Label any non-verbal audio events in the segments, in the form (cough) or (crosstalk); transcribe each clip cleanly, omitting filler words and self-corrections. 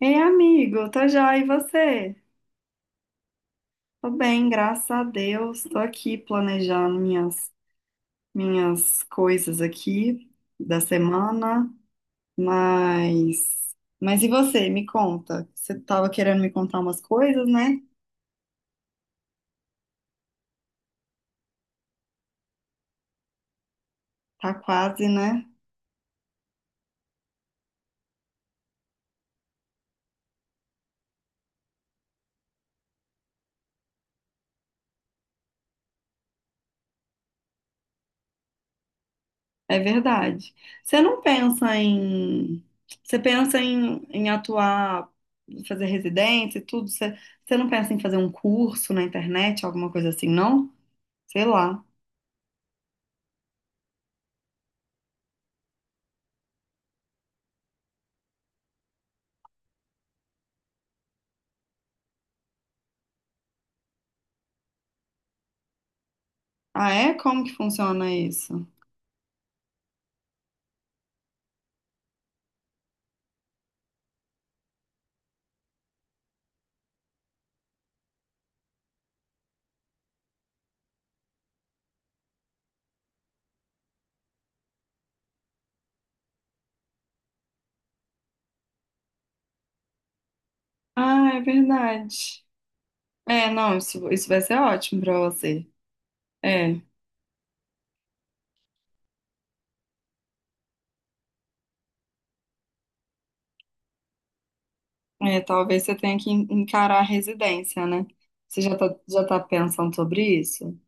Ei, amigo, tô joia, e você? Tô bem, graças a Deus. Tô aqui planejando minhas coisas aqui da semana, mas. Mas e você? Me conta. Você tava querendo me contar umas coisas, né? Tá quase, né? É verdade. Você não pensa em— Você pensa em atuar, fazer residência e tudo? Você não pensa em fazer um curso na internet, alguma coisa assim, não? Sei lá. Ah, é? Como que funciona isso? Ah, é verdade. É, não, isso vai ser ótimo pra você. É, é, talvez você tenha que encarar a residência, né? Você já tá pensando sobre isso?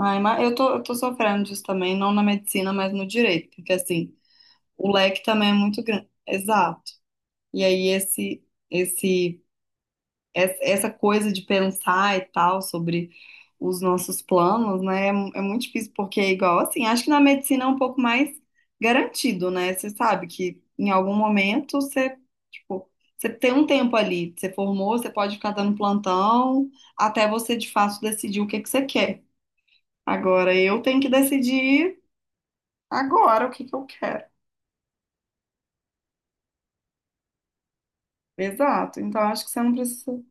Ai, mas eu tô sofrendo disso também, não na medicina, mas no direito, porque assim, o leque também é muito grande. Exato. E aí esse essa coisa de pensar e tal sobre os nossos planos, né? É, é muito difícil porque é igual assim, acho que na medicina é um pouco mais garantido, né? Você sabe que em algum momento você, tipo, você tem um tempo ali, você formou, você pode ficar dando plantão até você de fato decidir o que que você quer. Agora eu tenho que decidir agora o que que eu quero. Exato. Então acho que você não precisa.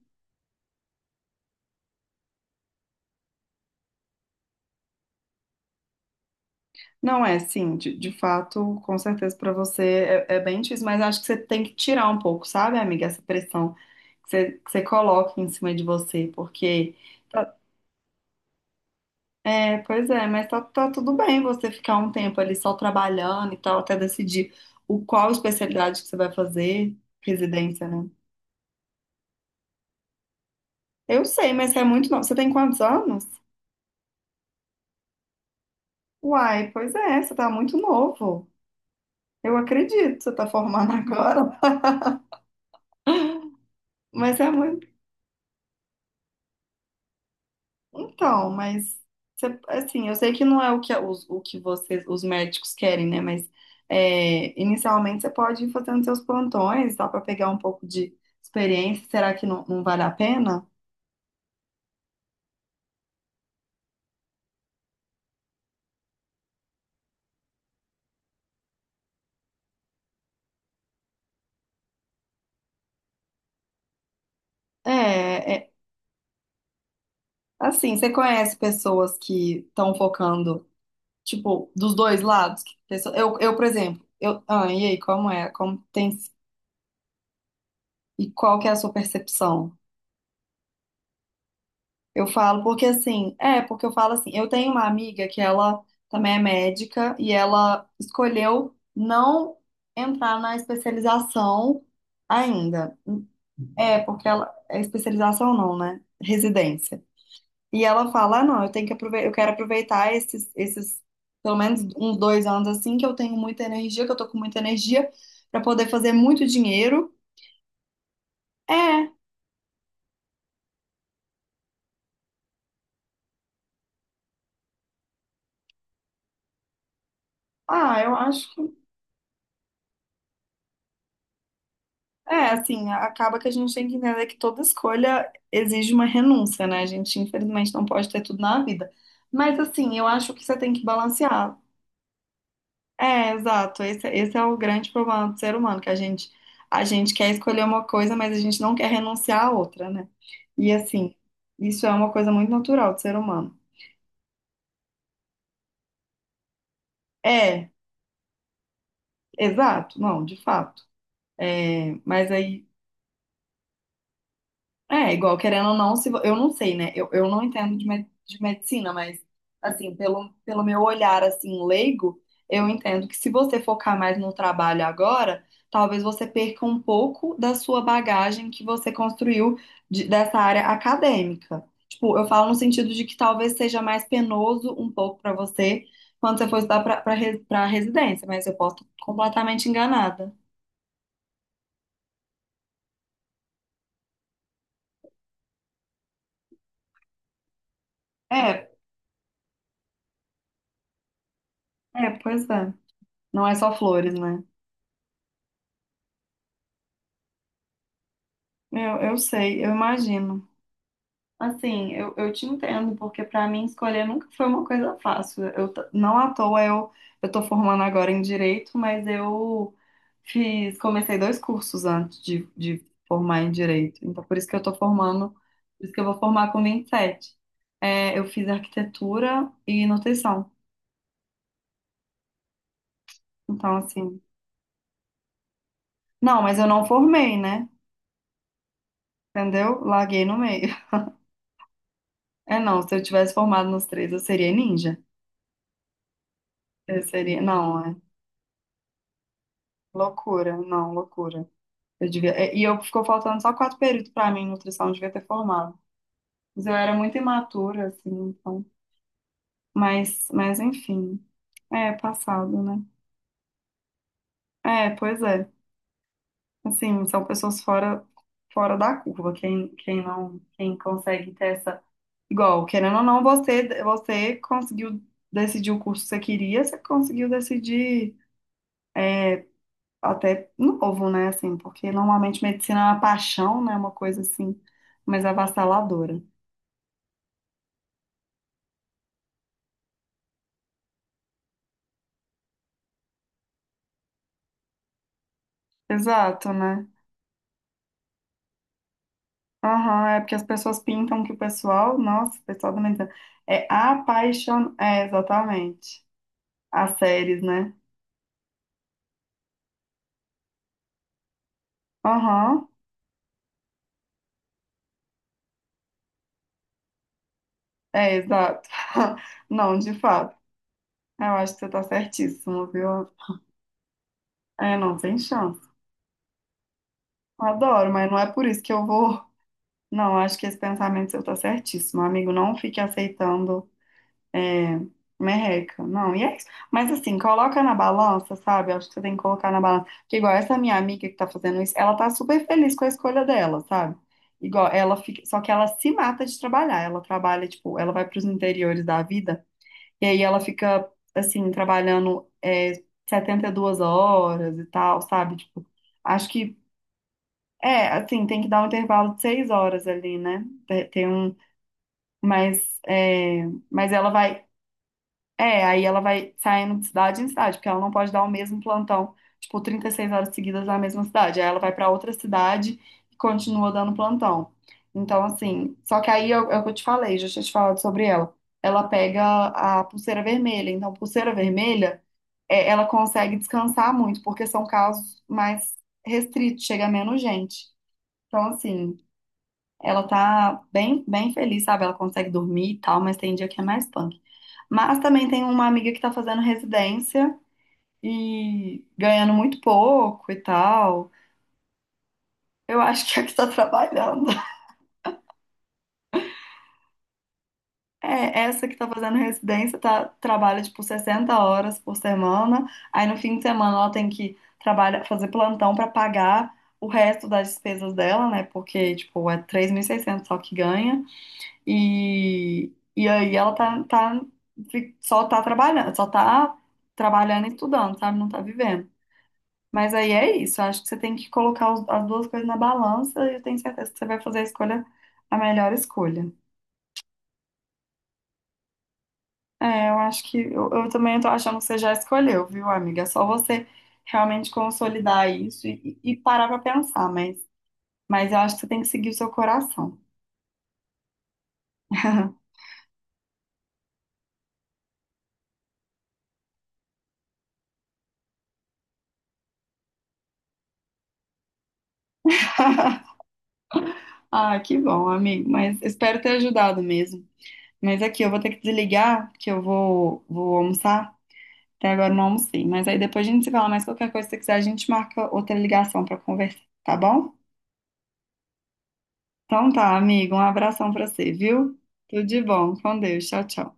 Não é, sim, de fato, com certeza para você é bem difícil, mas acho que você tem que tirar um pouco, sabe, amiga, essa pressão que você coloca em cima de você, porque, tá- é, pois é, mas tá tudo bem você ficar um tempo ali só trabalhando e tal, até decidir o qual especialidade que você vai fazer, residência, né? Eu sei, mas você é muito novo, você tem quantos anos? Uai, pois é, você tá muito novo, eu acredito, você tá formando (laughs) agora, mas você é muito. Então, mas assim, eu sei que não é o que os, o que vocês, os médicos querem, né? Mas é, inicialmente você pode ir fazendo seus plantões, dá para pegar um pouco de experiência. Será que não, não vale a pena? É, é, assim, você conhece pessoas que estão focando, tipo, dos dois lados? Eu, por exemplo, eu, ah, e aí, como é? Como tem, e qual que é a sua percepção? Eu falo, porque assim, é, porque eu falo assim, eu tenho uma amiga que ela também é médica e ela escolheu não entrar na especialização ainda. É, porque ela, é especialização não, né? Residência. E ela fala, ah, não, eu tenho que aproveitar, eu quero aproveitar esses, pelo menos uns 2 anos assim, que eu tenho muita energia, que eu tô com muita energia, para poder fazer muito dinheiro. É, ah, eu acho. É, assim, acaba que a gente tem que entender que toda escolha exige uma renúncia, né? A gente, infelizmente, não pode ter tudo na vida. Mas, assim, eu acho que você tem que balancear. É, exato. Esse é o grande problema do ser humano, que a gente quer escolher uma coisa, mas a gente não quer renunciar à outra, né? E, assim, isso é uma coisa muito natural do ser humano. É, exato. Não, de fato. É, mas aí. É, igual, querendo ou não, se, vo- eu não sei, né? Eu não entendo de medicina, mas, assim, pelo meu olhar, assim, leigo, eu entendo que se você focar mais no trabalho agora, talvez você perca um pouco da sua bagagem que você construiu dessa área acadêmica. Tipo, eu falo no sentido de que talvez seja mais penoso um pouco para você quando você for estudar para residência, mas eu posso estar completamente enganada. É, é, pois é. Não é só flores, né? Eu sei, eu imagino. Assim, eu te entendo, porque para mim escolher nunca foi uma coisa fácil. Não à toa eu tô formando agora em direito, mas eu comecei dois cursos antes de formar em direito. Então, por isso que eu tô formando, por isso que eu vou formar com 27. É, eu fiz arquitetura e nutrição. Então, assim, não, mas eu não formei, né? Entendeu? Larguei no meio. (laughs) É, não, se eu tivesse formado nos três, eu seria ninja. Eu seria, não, é. Loucura, não, loucura. Eu devia— e eu ficou faltando só quatro períodos pra mim, em nutrição, eu devia ter formado. Mas eu era muito imatura, assim, então. Mas enfim, é passado, né? É, pois é. Assim, são pessoas fora, da curva. Quem, quem não, quem consegue ter essa. Igual, querendo ou não, você conseguiu decidir o curso que você queria, você conseguiu decidir até novo, né? Assim, porque normalmente medicina é uma paixão, né? Uma coisa assim, mais avassaladora. Exato, né? Aham, é porque as pessoas pintam que o pessoal, nossa, o pessoal também é apaixonado. É, exatamente. As séries, né? Aham, é, exato. (laughs) Não, de fato. Eu acho que você tá certíssimo, viu? É, não, tem chance. Adoro, mas não é por isso que eu vou. Não, acho que esse pensamento seu tá certíssimo, amigo. Não fique aceitando. É, merreca. Não, e é isso. Mas assim, coloca na balança, sabe? Acho que você tem que colocar na balança. Porque igual essa minha amiga que tá fazendo isso, ela tá super feliz com a escolha dela, sabe? Igual ela fica, só que ela se mata de trabalhar. Ela trabalha, tipo, ela vai pros interiores da vida e aí ela fica assim trabalhando 72 horas e tal, sabe? Tipo, acho que assim, tem que dar um intervalo de 6 horas ali, né? Tem um, mas mas ela vai aí ela vai saindo de cidade em cidade, porque ela não pode dar o mesmo plantão, tipo, 36 horas seguidas na mesma cidade. Aí ela vai pra outra cidade e continua dando plantão. Então, assim, só que aí é o que eu te falei, já tinha te falado sobre ela. Ela pega a pulseira vermelha. Então, pulseira vermelha, ela consegue descansar muito, porque são casos mais restritos, chega menos gente. Então, assim, ela tá bem, bem feliz, sabe? Ela consegue dormir e tal, mas tem dia que é mais punk. Mas também tem uma amiga que tá fazendo residência e ganhando muito pouco e tal. Eu acho que é a que tá trabalhando. (laughs) É, essa que tá fazendo residência trabalha, tipo, 60 horas por semana. Aí no fim de semana ela tem que trabalhar, fazer plantão pra pagar o resto das despesas dela, né? Porque, tipo, é 3.600 só que ganha. E aí ela só tá trabalhando e estudando, sabe? Não tá vivendo. Mas aí é isso, acho que você tem que colocar as duas coisas na balança e eu tenho certeza que você vai fazer a escolha, a melhor escolha. É, eu acho que eu também tô achando que você já escolheu, viu, amiga? É só você realmente consolidar isso e parar pra pensar, mas, eu acho que você tem que seguir o seu coração. (laughs) Ah, que bom, amigo, mas espero ter ajudado mesmo. Mas aqui, eu vou ter que desligar, que eu vou almoçar. Até agora eu não almocei. Mas aí depois a gente se fala mais qualquer coisa que você quiser, a gente marca outra ligação pra conversar, tá bom? Então tá, amigo. Um abração pra você, viu? Tudo de bom. Com Deus. Tchau, tchau.